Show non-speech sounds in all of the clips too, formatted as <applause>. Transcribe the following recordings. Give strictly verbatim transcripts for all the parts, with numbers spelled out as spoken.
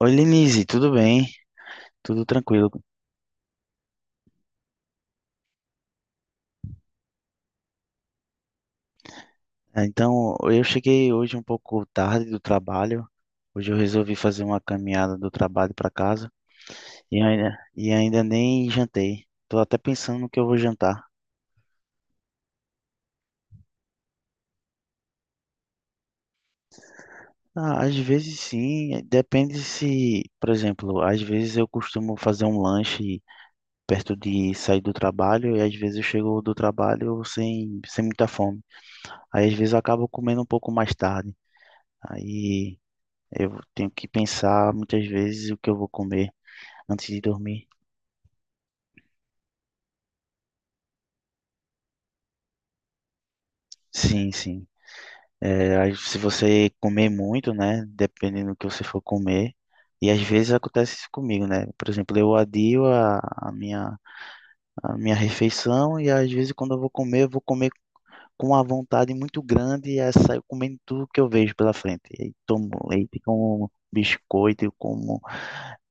Oi, Lenise, tudo bem? Tudo tranquilo. Ah, Então, eu cheguei hoje um pouco tarde do trabalho. Hoje eu resolvi fazer uma caminhada do trabalho para casa e ainda, e ainda nem jantei. Tô até pensando no que eu vou jantar. Ah, às vezes sim, depende se, por exemplo, às vezes eu costumo fazer um lanche perto de sair do trabalho e às vezes eu chego do trabalho sem, sem muita fome. Aí às vezes eu acabo comendo um pouco mais tarde. Aí, eu tenho que pensar muitas vezes o que eu vou comer antes de dormir. Sim, sim. É, aí se você comer muito, né? Dependendo do que você for comer. E às vezes acontece isso comigo, né? Por exemplo, eu adio a, a minha, a minha refeição e às vezes quando eu vou comer, eu vou comer com uma vontade muito grande e aí saio comendo tudo que eu vejo pela frente. E tomo leite, como biscoito, eu como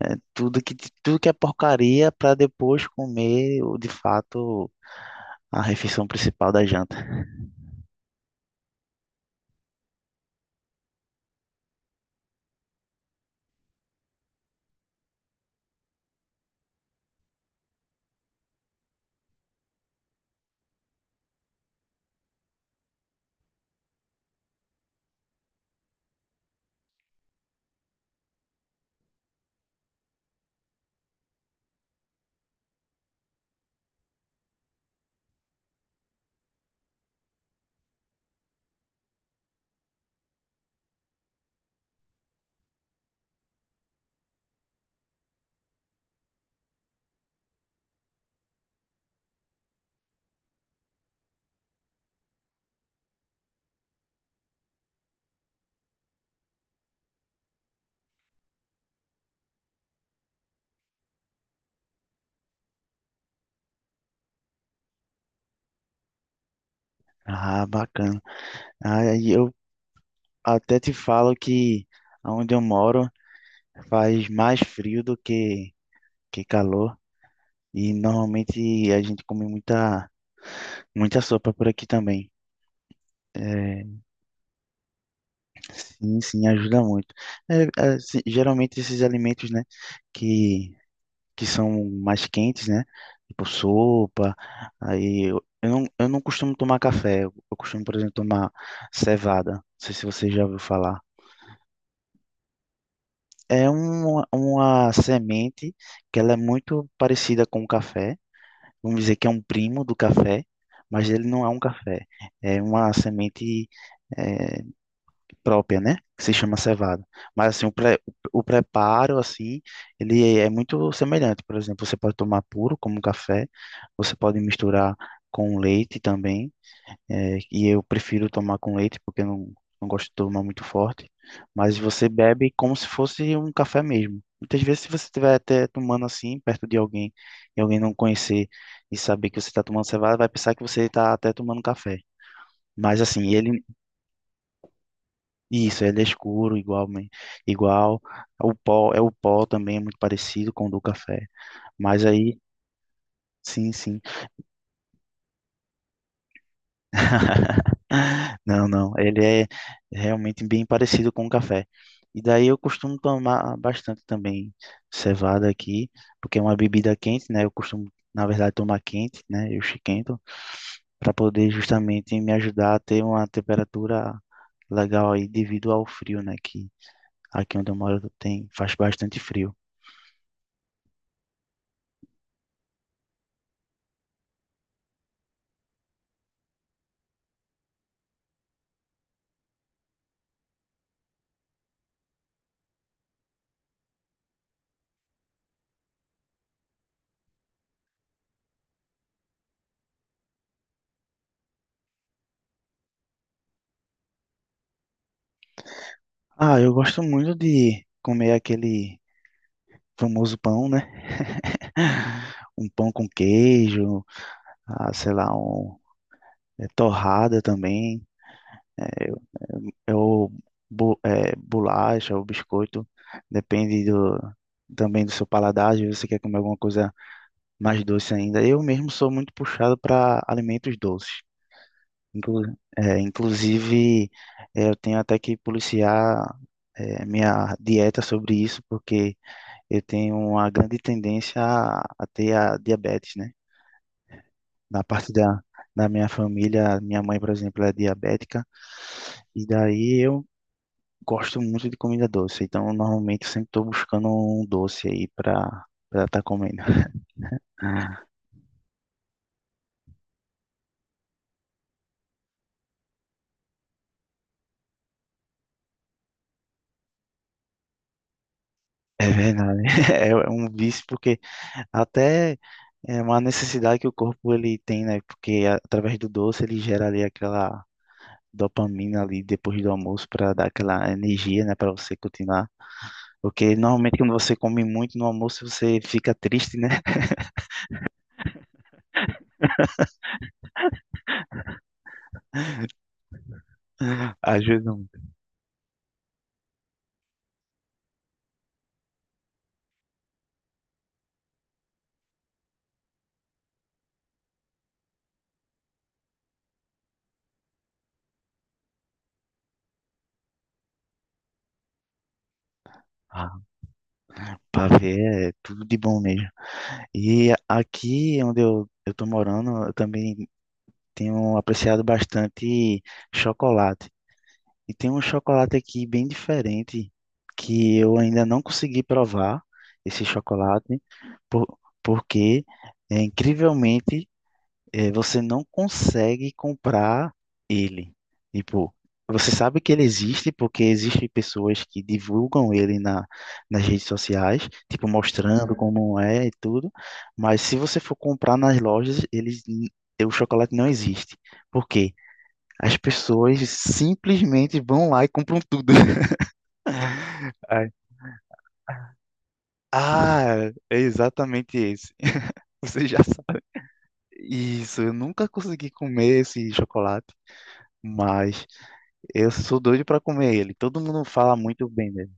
é, tudo que, tudo que é porcaria para depois comer, o- de fato, a refeição principal da janta. Ah, bacana. Aí eu até te falo que onde eu moro faz mais frio do que, que calor. E normalmente a gente come muita, muita sopa por aqui também. É, sim, sim, ajuda muito. É, é, se- geralmente esses alimentos, né, que, que são mais quentes, né, tipo sopa, aí eu, eu não, eu não costumo tomar café, eu, eu costumo, por exemplo, tomar cevada. Não sei se você já ouviu falar. É um, uma semente que ela é muito parecida com o café. Vamos dizer que é um primo do café, mas ele não é um café. É uma semente eh, própria, né? Que se chama cevada. Mas assim, o, pre, o preparo, assim, ele é muito semelhante. Por exemplo, você pode tomar puro como café. Você pode misturar com leite também. É, e eu prefiro tomar com leite, porque eu não, não gosto de tomar muito forte. Mas você bebe como se fosse um café mesmo. Muitas vezes, se você estiver até tomando assim, perto de alguém, e alguém não conhecer e saber que você está tomando cevada, vai pensar que você está até tomando café. Mas assim, ele, isso, ele é escuro, igual, igual. O pó, é o pó também, é muito parecido com o do café. Mas aí, sim, sim. <laughs> Não, não. Ele é realmente bem parecido com o café. E daí eu costumo tomar bastante também cevada aqui, porque é uma bebida quente, né? Eu costumo, na verdade, tomar quente, né? Eu esquento, para poder justamente me ajudar a ter uma temperatura legal aí devido ao frio, né? Que aqui onde eu moro tem, faz bastante frio. Ah, eu gosto muito de comer aquele famoso pão, né? Um pão com queijo, ah, sei lá, um é, torrada também, é, é o bu- é, bolacha, o biscoito, depende do, também do seu paladar, se você quer comer alguma coisa mais doce ainda. Eu mesmo sou muito puxado para alimentos doces. Inclu é, inclusive, é, eu tenho até que policiar é, minha dieta sobre isso, porque eu tenho uma grande tendência a, a ter a diabetes, né? Da parte da, da minha família, minha mãe, por exemplo, é diabética, e daí eu gosto muito de comida doce, então normalmente eu sempre estou buscando um doce aí para para estar comendo. É verdade, <laughs> é um vício porque até é uma necessidade que o corpo ele tem, né? Porque a- através do doce ele gera ali aquela dopamina ali depois do almoço para dar aquela energia, né, para você continuar. Porque normalmente quando você come muito no almoço você fica triste, né? <laughs> Ajuda. Ah, pavê é tudo de bom mesmo. E aqui onde eu, eu tô morando, eu também tenho apreciado bastante chocolate. E tem um chocolate aqui bem diferente que eu ainda não consegui provar esse chocolate, por, porque é, incrivelmente eh, você não consegue comprar ele. Tipo, você sabe que ele existe porque existem pessoas que divulgam ele na, nas redes sociais, tipo, mostrando uhum. Como é e tudo. Mas se você for comprar nas lojas, eles, n- o chocolate não existe. Por quê? As pessoas simplesmente vão lá e compram tudo. <laughs> Ai. Ah, é exatamente esse. <laughs> Você já sabe. Isso, eu nunca consegui comer esse chocolate, mas eu sou doido pra comer ele. Todo mundo fala muito bem dele.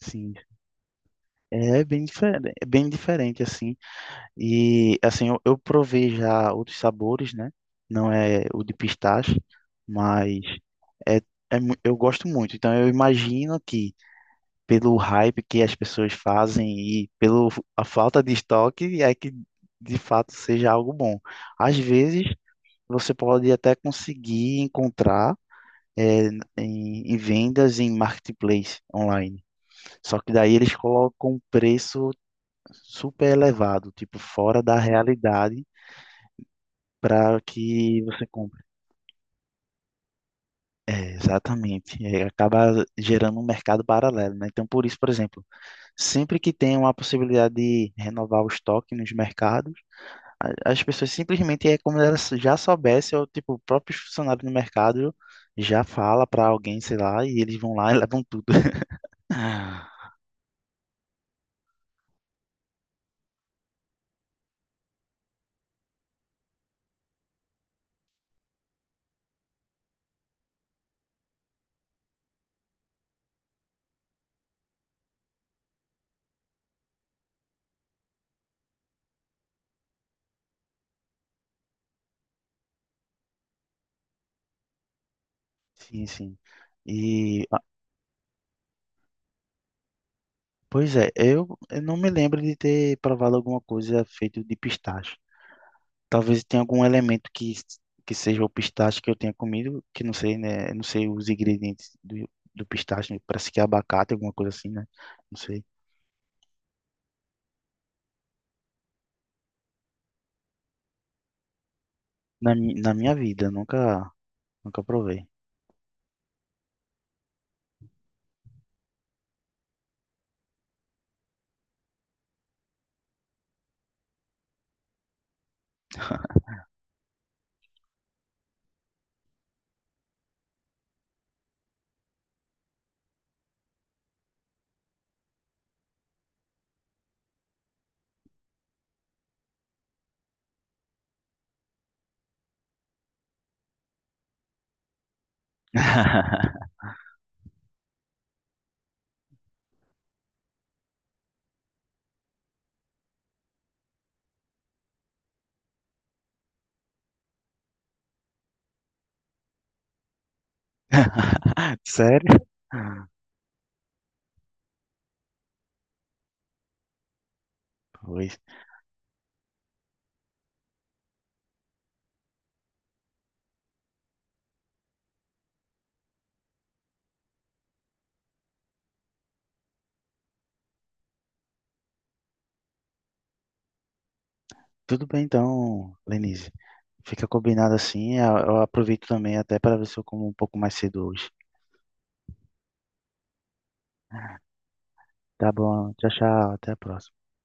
Sim, é bem diferente, é bem diferente assim. E assim, eu, eu provei já outros sabores, né? Não é o de pistache, mas é, é, mu- eu gosto muito. Então eu imagino que pelo hype que as pessoas fazem e pelo a falta de estoque é que de fato seja algo bom. Às vezes você pode até conseguir encontrar é, em, em vendas em marketplace online. Só que daí eles colocam um preço super elevado, tipo fora da realidade, para que você compre. É, exatamente. É, acaba gerando um mercado paralelo, né? Então, por isso, por exemplo, sempre que tem uma possibilidade de renovar o estoque nos mercados, a- as pessoas simplesmente é como elas já soubessem, ou tipo, o próprio funcionário do mercado já fala para alguém, sei lá, e eles vão lá e levam tudo. <laughs> Sim, sim. E, ah, pois é, eu, eu não me lembro de ter provado alguma coisa feita de pistache. Talvez tenha algum elemento que, que seja o pistache que eu tenha comido, que não sei, né? Não sei os ingredientes do, do pistache, né, parece que é abacate, alguma coisa assim, né? Não sei. Na, mi- na minha vida, nunca, nunca provei. <laughs> Sério? Pois. Tudo bem então, Lenise. Fica combinado assim. Eu eu aproveito também até para ver se eu como um pouco mais cedo hoje. Tá bom. Tchau, tchau. Até a próxima.